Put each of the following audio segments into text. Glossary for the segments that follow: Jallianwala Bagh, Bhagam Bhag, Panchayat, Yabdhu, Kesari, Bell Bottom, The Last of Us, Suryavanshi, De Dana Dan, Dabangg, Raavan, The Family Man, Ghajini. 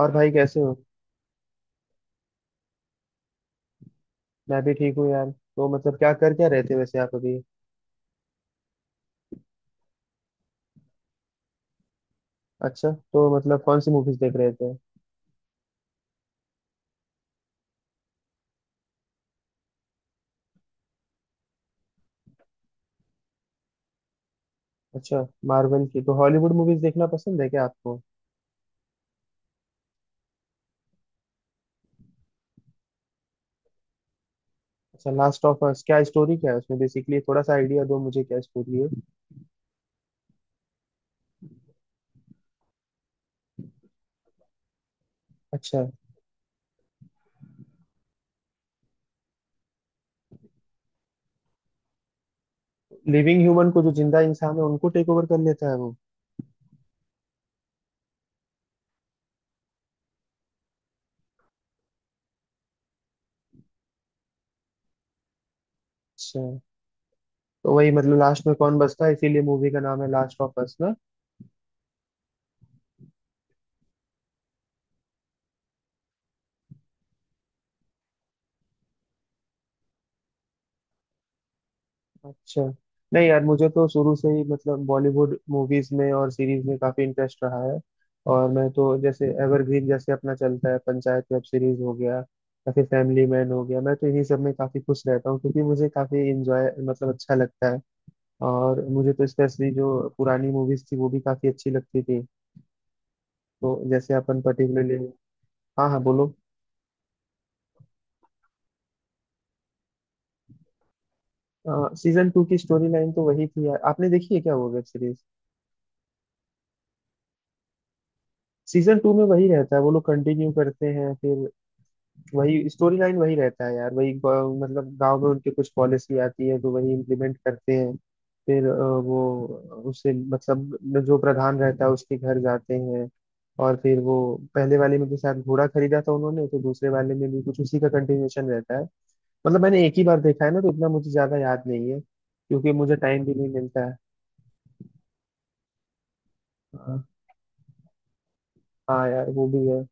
और भाई कैसे हो? मैं भी ठीक हूँ यार। तो मतलब क्या रहे थे वैसे आप अभी? अच्छा, तो मतलब कौन सी मूवीज देख रहे थे? अच्छा। मार्वल की तो हॉलीवुड मूवीज देखना पसंद है क्या आपको? अच्छा। लास्ट ऑफ अस क्या स्टोरी, क्या है उसमें बेसिकली? थोड़ा सा आइडिया दो मुझे क्या स्टोरी है। अच्छा। लिविंग ह्यूमन को, जो जिंदा इंसान है उनको टेक ओवर कर लेता है वो? अच्छा। तो वही मतलब लास्ट में कौन बचता है, इसीलिए मूवी का नाम है लास्ट ऑफ अस ना। अच्छा। नहीं यार, मुझे तो शुरू से ही मतलब बॉलीवुड मूवीज में और सीरीज में काफी इंटरेस्ट रहा है। और मैं तो जैसे एवरग्रीन जैसे अपना चलता है, पंचायत वेब सीरीज हो गया या फिर फैमिली मैन हो गया, मैं तो इन्हीं सब में काफी खुश रहता हूँ क्योंकि मुझे काफी इंजॉय मतलब अच्छा लगता है। और मुझे तो स्पेशली जो पुरानी मूवीज थी वो भी काफी अच्छी लगती थी। तो जैसे अपन पर्टिकुलरली। हाँ हाँ, बोलो। सीजन टू की स्टोरी लाइन तो वही थी यार, आपने देखी है क्या वो वेब सीरीज? सीजन टू में वही रहता है, वो लोग कंटिन्यू करते हैं फिर। वही स्टोरी लाइन वही रहता है यार। वही मतलब गांव में उनके कुछ पॉलिसी आती है तो वही इम्प्लीमेंट करते हैं। फिर वो उसे मतलब जो प्रधान रहता है उसके घर जाते हैं। और फिर वो पहले वाले में के साथ घोड़ा खरीदा था उन्होंने, तो दूसरे वाले में भी कुछ उसी का कंटिन्यूएशन रहता है। मतलब मैंने एक ही बार देखा है ना तो इतना मुझे ज्यादा याद नहीं है क्योंकि मुझे टाइम भी नहीं मिलता है। हाँ। हाँ यार वो भी है।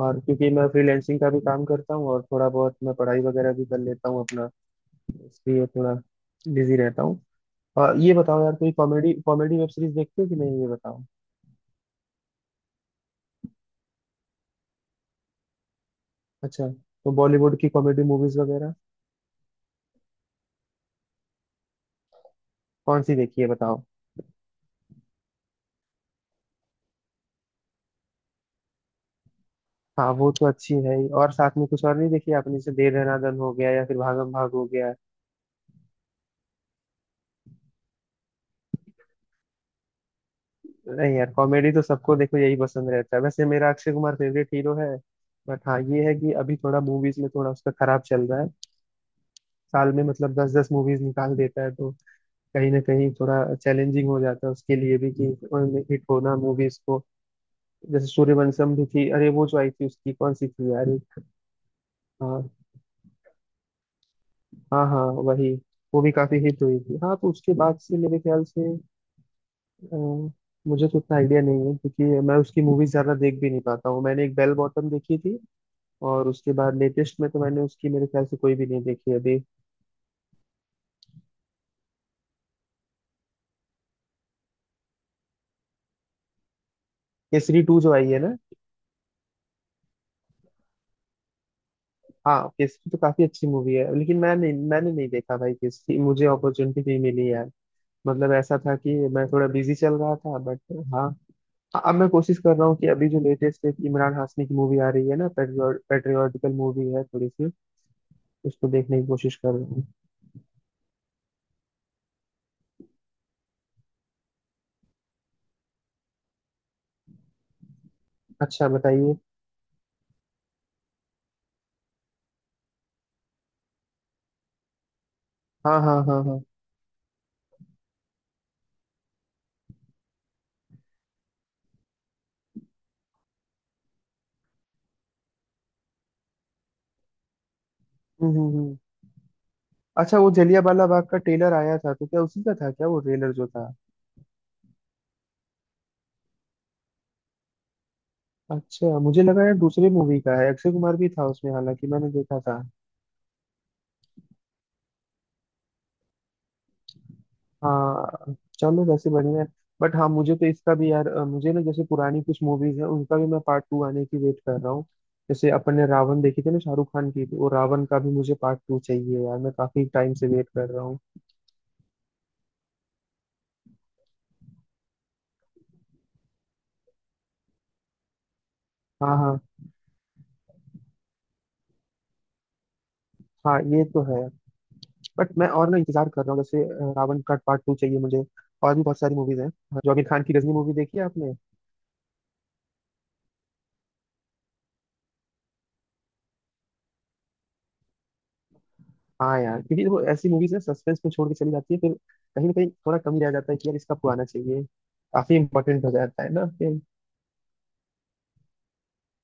और क्योंकि मैं फ्रीलैंसिंग का भी काम करता हूँ और थोड़ा बहुत मैं पढ़ाई वगैरह भी कर लेता हूँ अपना, इसलिए थोड़ा बिजी रहता हूँ। और ये बताओ यार, कोई कॉमेडी कॉमेडी वेब सीरीज देखते हो कि नहीं ये बताओ। अच्छा। तो बॉलीवुड की कॉमेडी मूवीज वगैरह? कौन सी देखी है बताओ। हाँ वो तो अच्छी है ही। और साथ में कुछ और नहीं देखी आपने? जैसे दे दना दन हो गया या फिर भागम भाग हो गया। नहीं यार, कॉमेडी तो सबको देखो यही पसंद रहता है। वैसे मेरा अक्षय कुमार फेवरेट हीरो है। बट हाँ ये है कि अभी थोड़ा मूवीज में थोड़ा उसका खराब चल रहा है। साल में मतलब दस दस मूवीज निकाल देता है तो कहीं ना कहीं थोड़ा चैलेंजिंग हो जाता है उसके लिए भी कि हिट होना मूवीज को। जैसे सूर्यवंशम भी थी। अरे वो जो आई थी उसकी कौन सी थी यार, हाँ। हाँ हाँ वही। वो भी काफी हिट हुई थी, हाँ। तो उसके बाद से मेरे ख्याल से अ, मुझे तो उतना आइडिया नहीं है क्योंकि मैं उसकी मूवीज ज्यादा देख भी नहीं पाता हूँ। मैंने एक बेल बॉटम देखी थी, और उसके बाद लेटेस्ट में तो मैंने उसकी मेरे ख्याल से कोई भी नहीं देखी अभी। केसरी टू जो आई है ना। हाँ, केसरी तो काफी अच्छी मूवी है, लेकिन मैंने नहीं देखा भाई। केसरी मुझे अपॉर्चुनिटी नहीं मिली यार। मतलब ऐसा था कि मैं थोड़ा बिजी चल रहा था बट। हाँ। अब मैं कोशिश कर रहा हूँ कि अभी जो लेटेस्ट एक इमरान हाशमी की मूवी आ रही है ना, पेट्रियोटिकल मूवी है थोड़ी सी, उसको देखने की कोशिश कर रहा हूँ। अच्छा बताइए। हाँ हाँ हाँ हाँ। हम्म हम्म हम्म। अच्छा। वो जलियांवाला बाग का ट्रेलर आया था तो क्या उसी का था क्या वो ट्रेलर जो था? अच्छा। मुझे लगा यार दूसरे मूवी का है, अक्षय कुमार भी था उसमें हालांकि मैंने देखा था। हाँ। चलो, वैसे बढ़िया है। बट हाँ मुझे तो इसका भी यार मुझे ना, जैसे पुरानी कुछ मूवीज हैं उनका भी मैं पार्ट टू आने की वेट कर रहा हूँ। जैसे अपन ने रावण देखी थी ना शाहरुख खान की, तो वो रावण का भी मुझे पार्ट टू चाहिए यार। मैं काफी टाइम से वेट कर रहा हूँ। हाँ हाँ। हाँ ये तो है। बट मैं और ना इंतजार कर रहा हूँ, जैसे रावण का पार्ट टू चाहिए मुझे। और भी बहुत सारी मूवीज हैं। हाँ, जो आमिर खान की गजनी मूवी, देखी है आपने? हाँ यार, क्योंकि वो ऐसी मूवीज ना सस्पेंस में छोड़ के चली जाती है फिर कहीं ना कहीं थोड़ा कमी रह जाता है कि यार इसका पुराना चाहिए। काफी इंपॉर्टेंट हो जाता है ना फिर।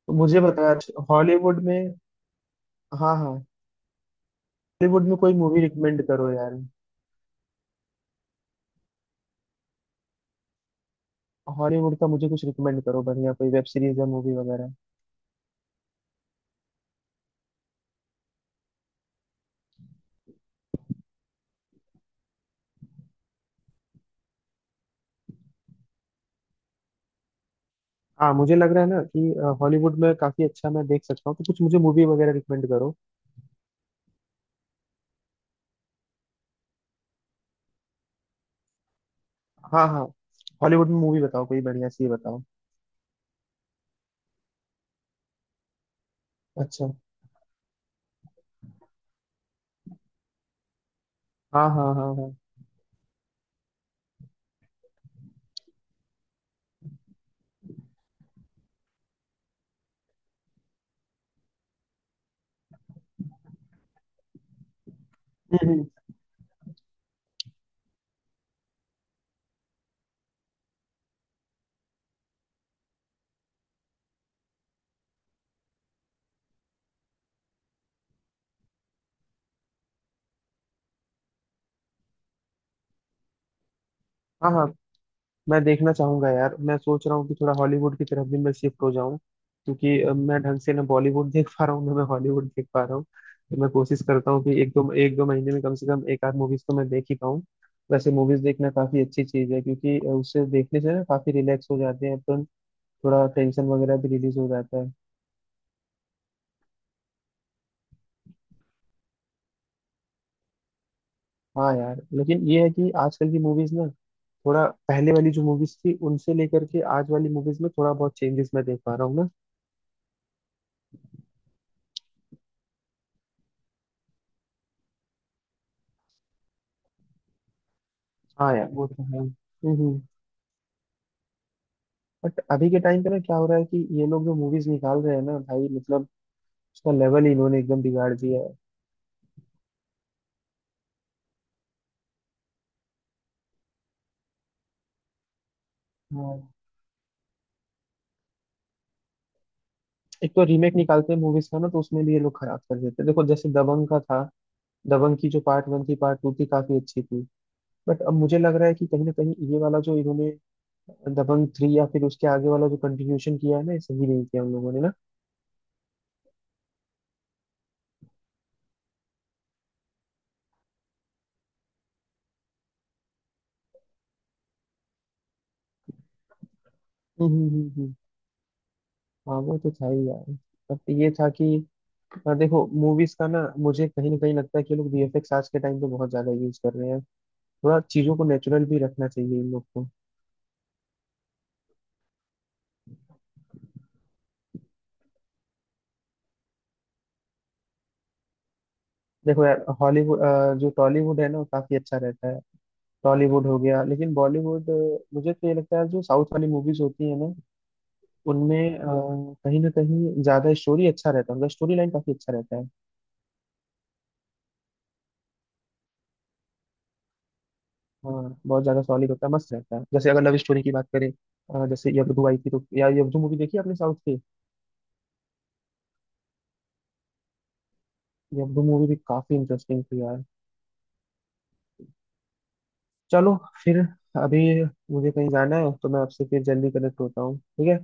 तो मुझे बता हॉलीवुड में। हाँ हाँ। हॉलीवुड में कोई मूवी रिकमेंड करो यार। हॉलीवुड का मुझे कुछ रिकमेंड करो बढ़िया, कोई वेब सीरीज या मूवी वगैरह। हाँ मुझे लग रहा है ना कि हॉलीवुड में काफी अच्छा मैं देख सकता हूँ, तो कुछ मुझे मूवी वगैरह रिकमेंड करो। हाँ हाँ। हॉलीवुड में मूवी बताओ, कोई बढ़िया सी बताओ। अच्छा। हाँ हाँ हाँ हाँ। हम्म। हाँ हाँ। मैं देखना चाहूंगा यार। मैं सोच रहा हूँ कि थोड़ा हॉलीवुड की तरफ भी मैं शिफ्ट हो जाऊं, क्योंकि मैं ढंग से ना बॉलीवुड देख पा रहा हूँ ना मैं हॉलीवुड देख पा रहा हूँ। तो मैं कोशिश करता हूँ कि एक दो महीने में कम से कम एक आध मूवीज तो मैं देख ही पाऊँ। वैसे मूवीज देखना काफी अच्छी चीज है, क्योंकि उससे देखने से ना काफी रिलैक्स हो जाते हैं अपन। थोड़ा टेंशन वगैरह भी रिलीज हो जाता है। हाँ यार, लेकिन ये है कि आजकल की मूवीज ना, थोड़ा पहले वाली जो मूवीज थी उनसे लेकर के आज वाली मूवीज में थोड़ा बहुत चेंजेस मैं देख पा रहा हूँ ना। हाँ यार वो तो है। बट अभी के टाइम पे ना क्या हो रहा है कि ये लोग जो मूवीज निकाल रहे हैं ना भाई, मतलब उसका लेवल ही इन्होंने एकदम बिगाड़ दिया है। हाँ। एक तो रीमेक निकालते हैं मूवीज का ना, तो उसमें भी ये लोग खराब कर देते हैं। देखो जैसे दबंग का था, दबंग की जो पार्ट वन थी पार्ट टू थी काफी अच्छी थी। बट अब मुझे लग रहा है कि कहीं ना कहीं ये वाला जो इन्होंने दबंग थ्री या फिर उसके आगे वाला जो कंटिन्यूशन किया है ना, ये सही नहीं किया उन लोगों ने ना। हम्म हम्म हम्म, हम्म। हाँ वो तो था ही यार। बट ये था कि देखो मूवीज का ना, मुझे कहीं ना कहीं लगता है कि ये लोग VFX आज के टाइम पे बहुत ज्यादा यूज कर रहे हैं। थोड़ा चीजों को नेचुरल भी रखना चाहिए इन लोग को। देखो यार, हॉलीवुड, जो टॉलीवुड है ना वो काफी अच्छा रहता है। टॉलीवुड हो गया, लेकिन बॉलीवुड मुझे तो ये लगता है जो साउथ वाली मूवीज होती है ना उनमें कहीं ना कहीं ज्यादा स्टोरी अच्छा रहता है, उनका स्टोरी लाइन काफी अच्छा रहता है। हाँ बहुत ज्यादा सॉलिड होता है, मस्त रहता है। जैसे अगर लव स्टोरी की बात करें जैसे यब्दू आई थी, तो यार यब्दू मूवी देखी आपने साउथ की? यब्दू मूवी भी काफी इंटरेस्टिंग थी यार। चलो फिर, अभी मुझे कहीं जाना है तो मैं आपसे फिर जल्दी कनेक्ट होता हूँ, ठीक है?